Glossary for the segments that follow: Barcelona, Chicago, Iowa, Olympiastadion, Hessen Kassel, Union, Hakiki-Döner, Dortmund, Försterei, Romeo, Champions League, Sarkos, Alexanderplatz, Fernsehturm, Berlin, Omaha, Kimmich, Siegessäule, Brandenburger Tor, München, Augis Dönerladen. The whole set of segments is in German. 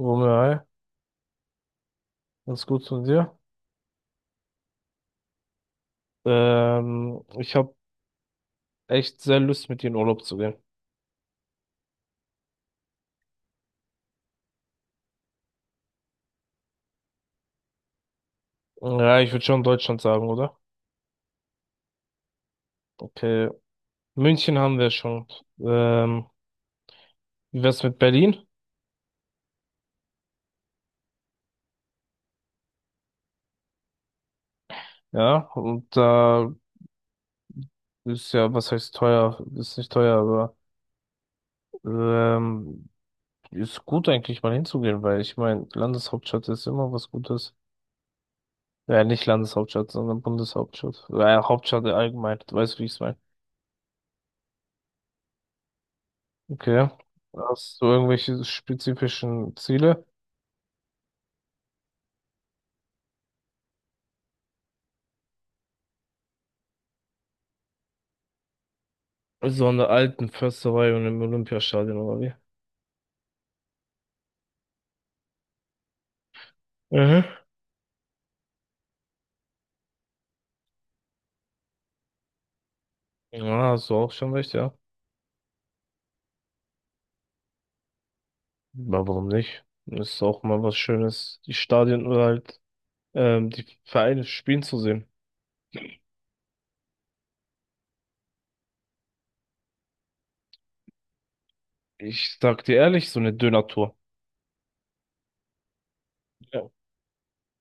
Romeo, hi. Ganz gut von dir. Ich habe echt sehr Lust, mit dir in Urlaub zu gehen. Ja, ich würde schon Deutschland sagen, oder? Okay. München haben wir schon. Ähm, wie wär's mit Berlin? Ja, und da ist ja, was heißt teuer? Ist nicht teuer, aber ähm, ist gut eigentlich mal hinzugehen, weil ich meine, Landeshauptstadt ist immer was Gutes. Ja, nicht Landeshauptstadt, sondern Bundeshauptstadt. Ja, Hauptstadt allgemein. Du weißt, wie ich's meine. Okay. Hast du irgendwelche spezifischen Ziele? So an der alten Försterei und im Olympiastadion oder wie? Mhm. Ja, hast du auch schon recht, ja. Aber warum nicht? Ist auch mal was Schönes, die Stadien oder halt die Vereine spielen zu sehen. Ich sag dir ehrlich, so eine Döner-Tour. Ja.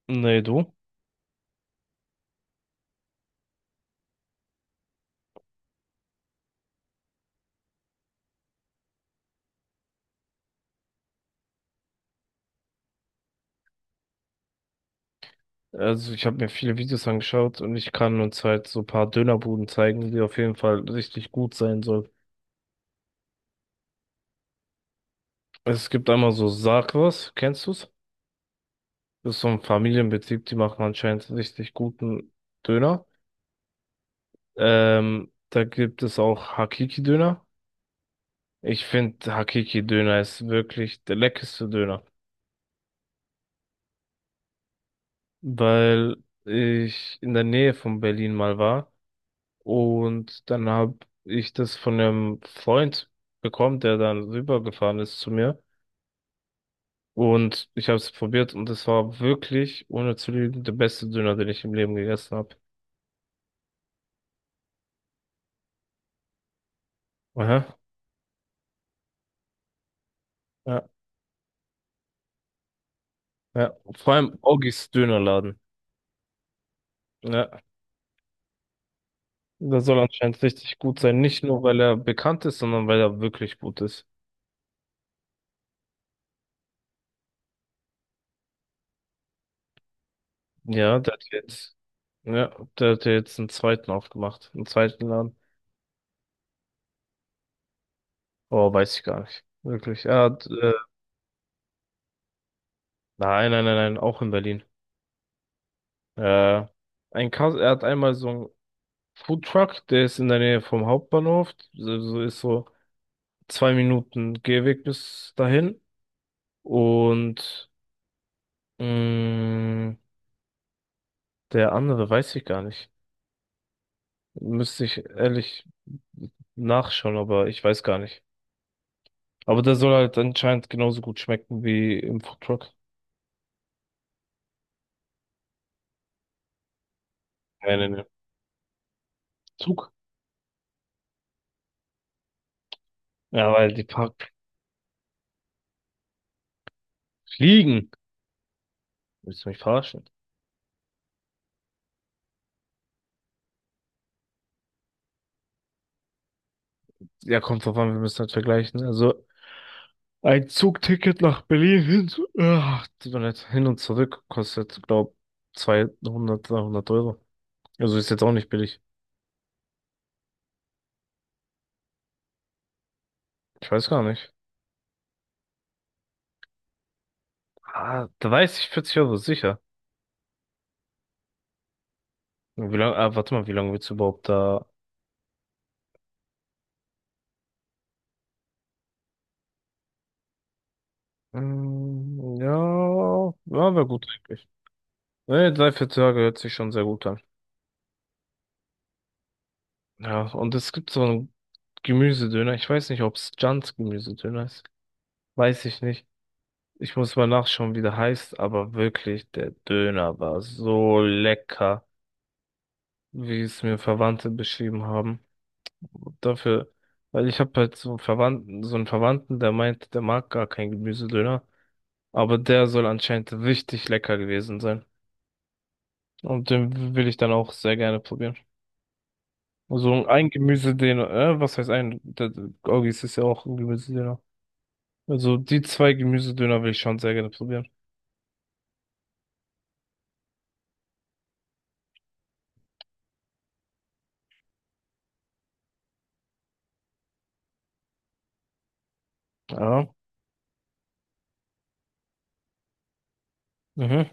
Nee, du? Also ich habe mir viele Videos angeschaut und ich kann uns halt so ein paar Dönerbuden zeigen, die auf jeden Fall richtig gut sein sollen. Es gibt einmal so Sarkos, kennst du's? Das ist so ein Familienbetrieb, die machen anscheinend richtig guten Döner. Da gibt es auch Hakiki-Döner. Ich finde, Hakiki-Döner ist wirklich der leckerste Döner, weil ich in der Nähe von Berlin mal war und dann habe ich das von einem Freund bekommen, der dann rübergefahren ist zu mir und ich habe es probiert und es war wirklich, ohne zu lügen, der beste Döner, den ich im Leben gegessen habe. Aha. Ja, ja. Vor allem Augis Dönerladen. Ja, der soll anscheinend richtig gut sein. Nicht nur, weil er bekannt ist, sondern weil er wirklich gut ist. Ja, der hat jetzt, ja, der hat jetzt einen zweiten aufgemacht. Einen zweiten Laden. Oh, weiß ich gar nicht. Wirklich. Er hat, nein, nein, nein, nein, auch in Berlin. Äh, ein Kas er hat einmal so einen Foodtruck, der ist in der Nähe vom Hauptbahnhof. So ist so 2 Minuten Gehweg bis dahin. Und, mh, der andere weiß ich gar nicht. Müsste ich ehrlich nachschauen, aber ich weiß gar nicht. Aber der soll halt anscheinend genauso gut schmecken wie im Foodtruck. Nee, nee, nee. Zug? Ja, weil die Park fliegen. Willst du mich verarschen? Ja, kommt drauf an, wir müssen halt vergleichen. Also, ein Zugticket nach Berlin hin, ach, tut mir leid, hin und zurück kostet, glaub, 200, 300 Euro. Also ist jetzt auch nicht billig. Ich weiß gar nicht. Ah, da weiß ich 40 Euro sicher. Wie lange, warte mal, wie lange willst du überhaupt da. Ja, ja, wäre gut eigentlich. Ne, 3, 4 Tage hört sich schon sehr gut an. Ja, und es gibt so einen Gemüsedöner. Ich weiß nicht, ob es Jans Gemüsedöner ist. Weiß ich nicht. Ich muss mal nachschauen, wie der heißt, aber wirklich, der Döner war so lecker, wie es mir Verwandte beschrieben haben. Dafür, weil ich habe halt so einen Verwandten, der meint, der mag gar keinen Gemüsedöner, aber der soll anscheinend richtig lecker gewesen sein. Und den will ich dann auch sehr gerne probieren. Also ein Gemüsedöner, was heißt ein? Der Gorgis ist ja auch ein Gemüsedöner. Also die zwei Gemüsedöner will ich schon sehr gerne probieren. Ja. Mhm.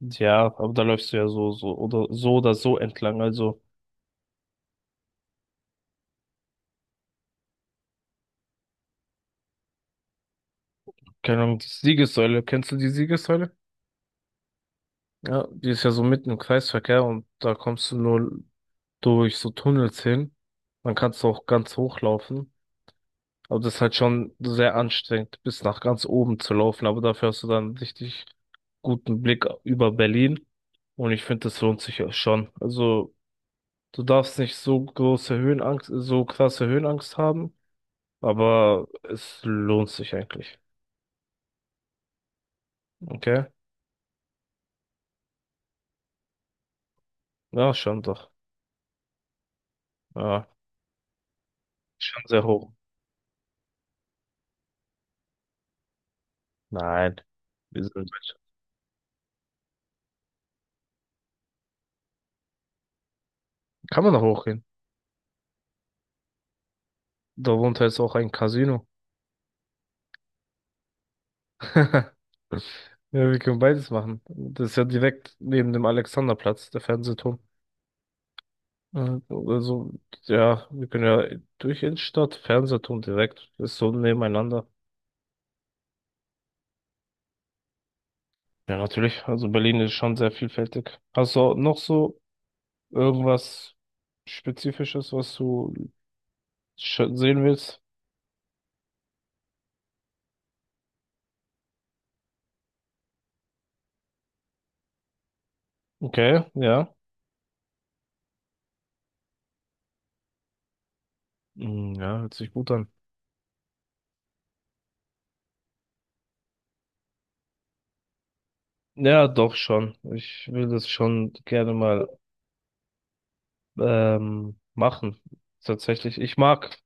Ja, aber da läufst du ja so, so oder so oder so entlang. Also, keine Ahnung, die Siegessäule. Kennst du die Siegessäule? Ja, die ist ja so mitten im Kreisverkehr und da kommst du nur durch so Tunnels hin. Dann kannst du auch ganz hochlaufen. Aber das ist halt schon sehr anstrengend, bis nach ganz oben zu laufen. Aber dafür hast du dann einen richtig guten Blick über Berlin. Und ich finde, das lohnt sich ja schon. Also, du darfst nicht so große Höhenangst, so krasse Höhenangst haben, aber es lohnt sich eigentlich. Okay? Ja, schon doch. Ja, schon sehr hoch. Nein, wir sind in Deutschland. Kann man noch hochgehen. Darunter ist auch ein Casino. Ja, wir können beides machen. Das ist ja direkt neben dem Alexanderplatz, der Fernsehturm. Äh, Also, ja, wir können ja durch Innenstadt, Fernsehturm direkt, ist so nebeneinander. Ja, natürlich. Also Berlin ist schon sehr vielfältig. Hast du noch so irgendwas Spezifisches, was du sehen willst? Okay, ja. Hm, ja, hört sich gut an. Ja, doch schon. Ich will das schon gerne mal machen. Tatsächlich. Ich mag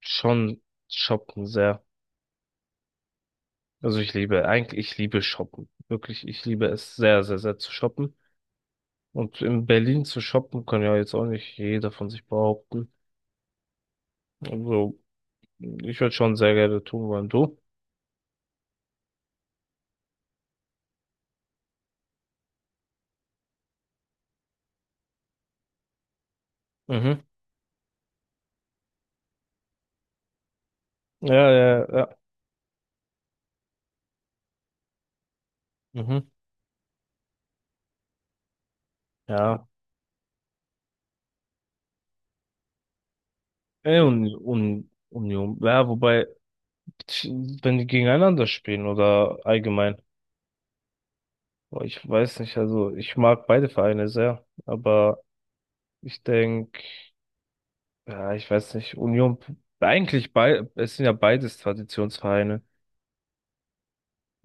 schon shoppen sehr. Also ich liebe, eigentlich, ich liebe Shoppen. Wirklich, ich liebe es sehr, sehr, sehr zu shoppen. Und in Berlin zu shoppen kann ja jetzt auch nicht jeder von sich behaupten. Also, ich würde schon sehr gerne tun wollen. Du? Mhm. Ja, ja, ja. Mhm. Ja. Ey, und Union. Ja, wobei, wenn die gegeneinander spielen oder allgemein. Boah, ich weiß nicht, also ich mag beide Vereine sehr, aber ich denke, ja, ich weiß nicht, Union, eigentlich bei, es sind ja beides Traditionsvereine.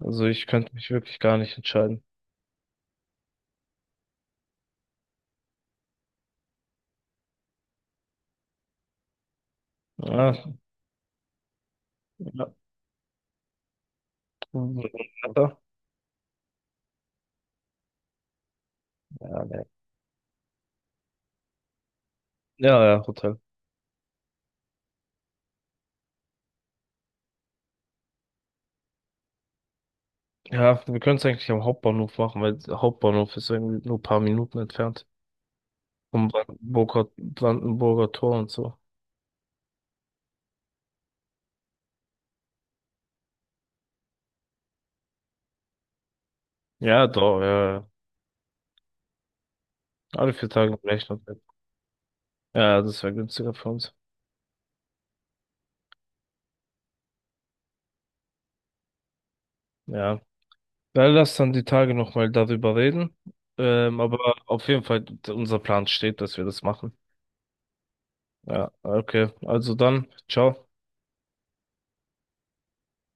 Also ich könnte mich wirklich gar nicht entscheiden. Ja, ja, ja, nee. Ja, ja, Hotel. Ja, wir können es eigentlich am Hauptbahnhof machen, weil der Hauptbahnhof ist irgendwie nur ein paar Minuten entfernt. Vom Brandenburger Tor und so. Ja, doch, ja. Ja. Alle 4 Tage im gleichen Hotel. Ja, das wäre günstiger für uns. Ja. Dann lass dann die Tage nochmal darüber reden. Aber auf jeden Fall, unser Plan steht, dass wir das machen. Ja, okay. Also dann, ciao.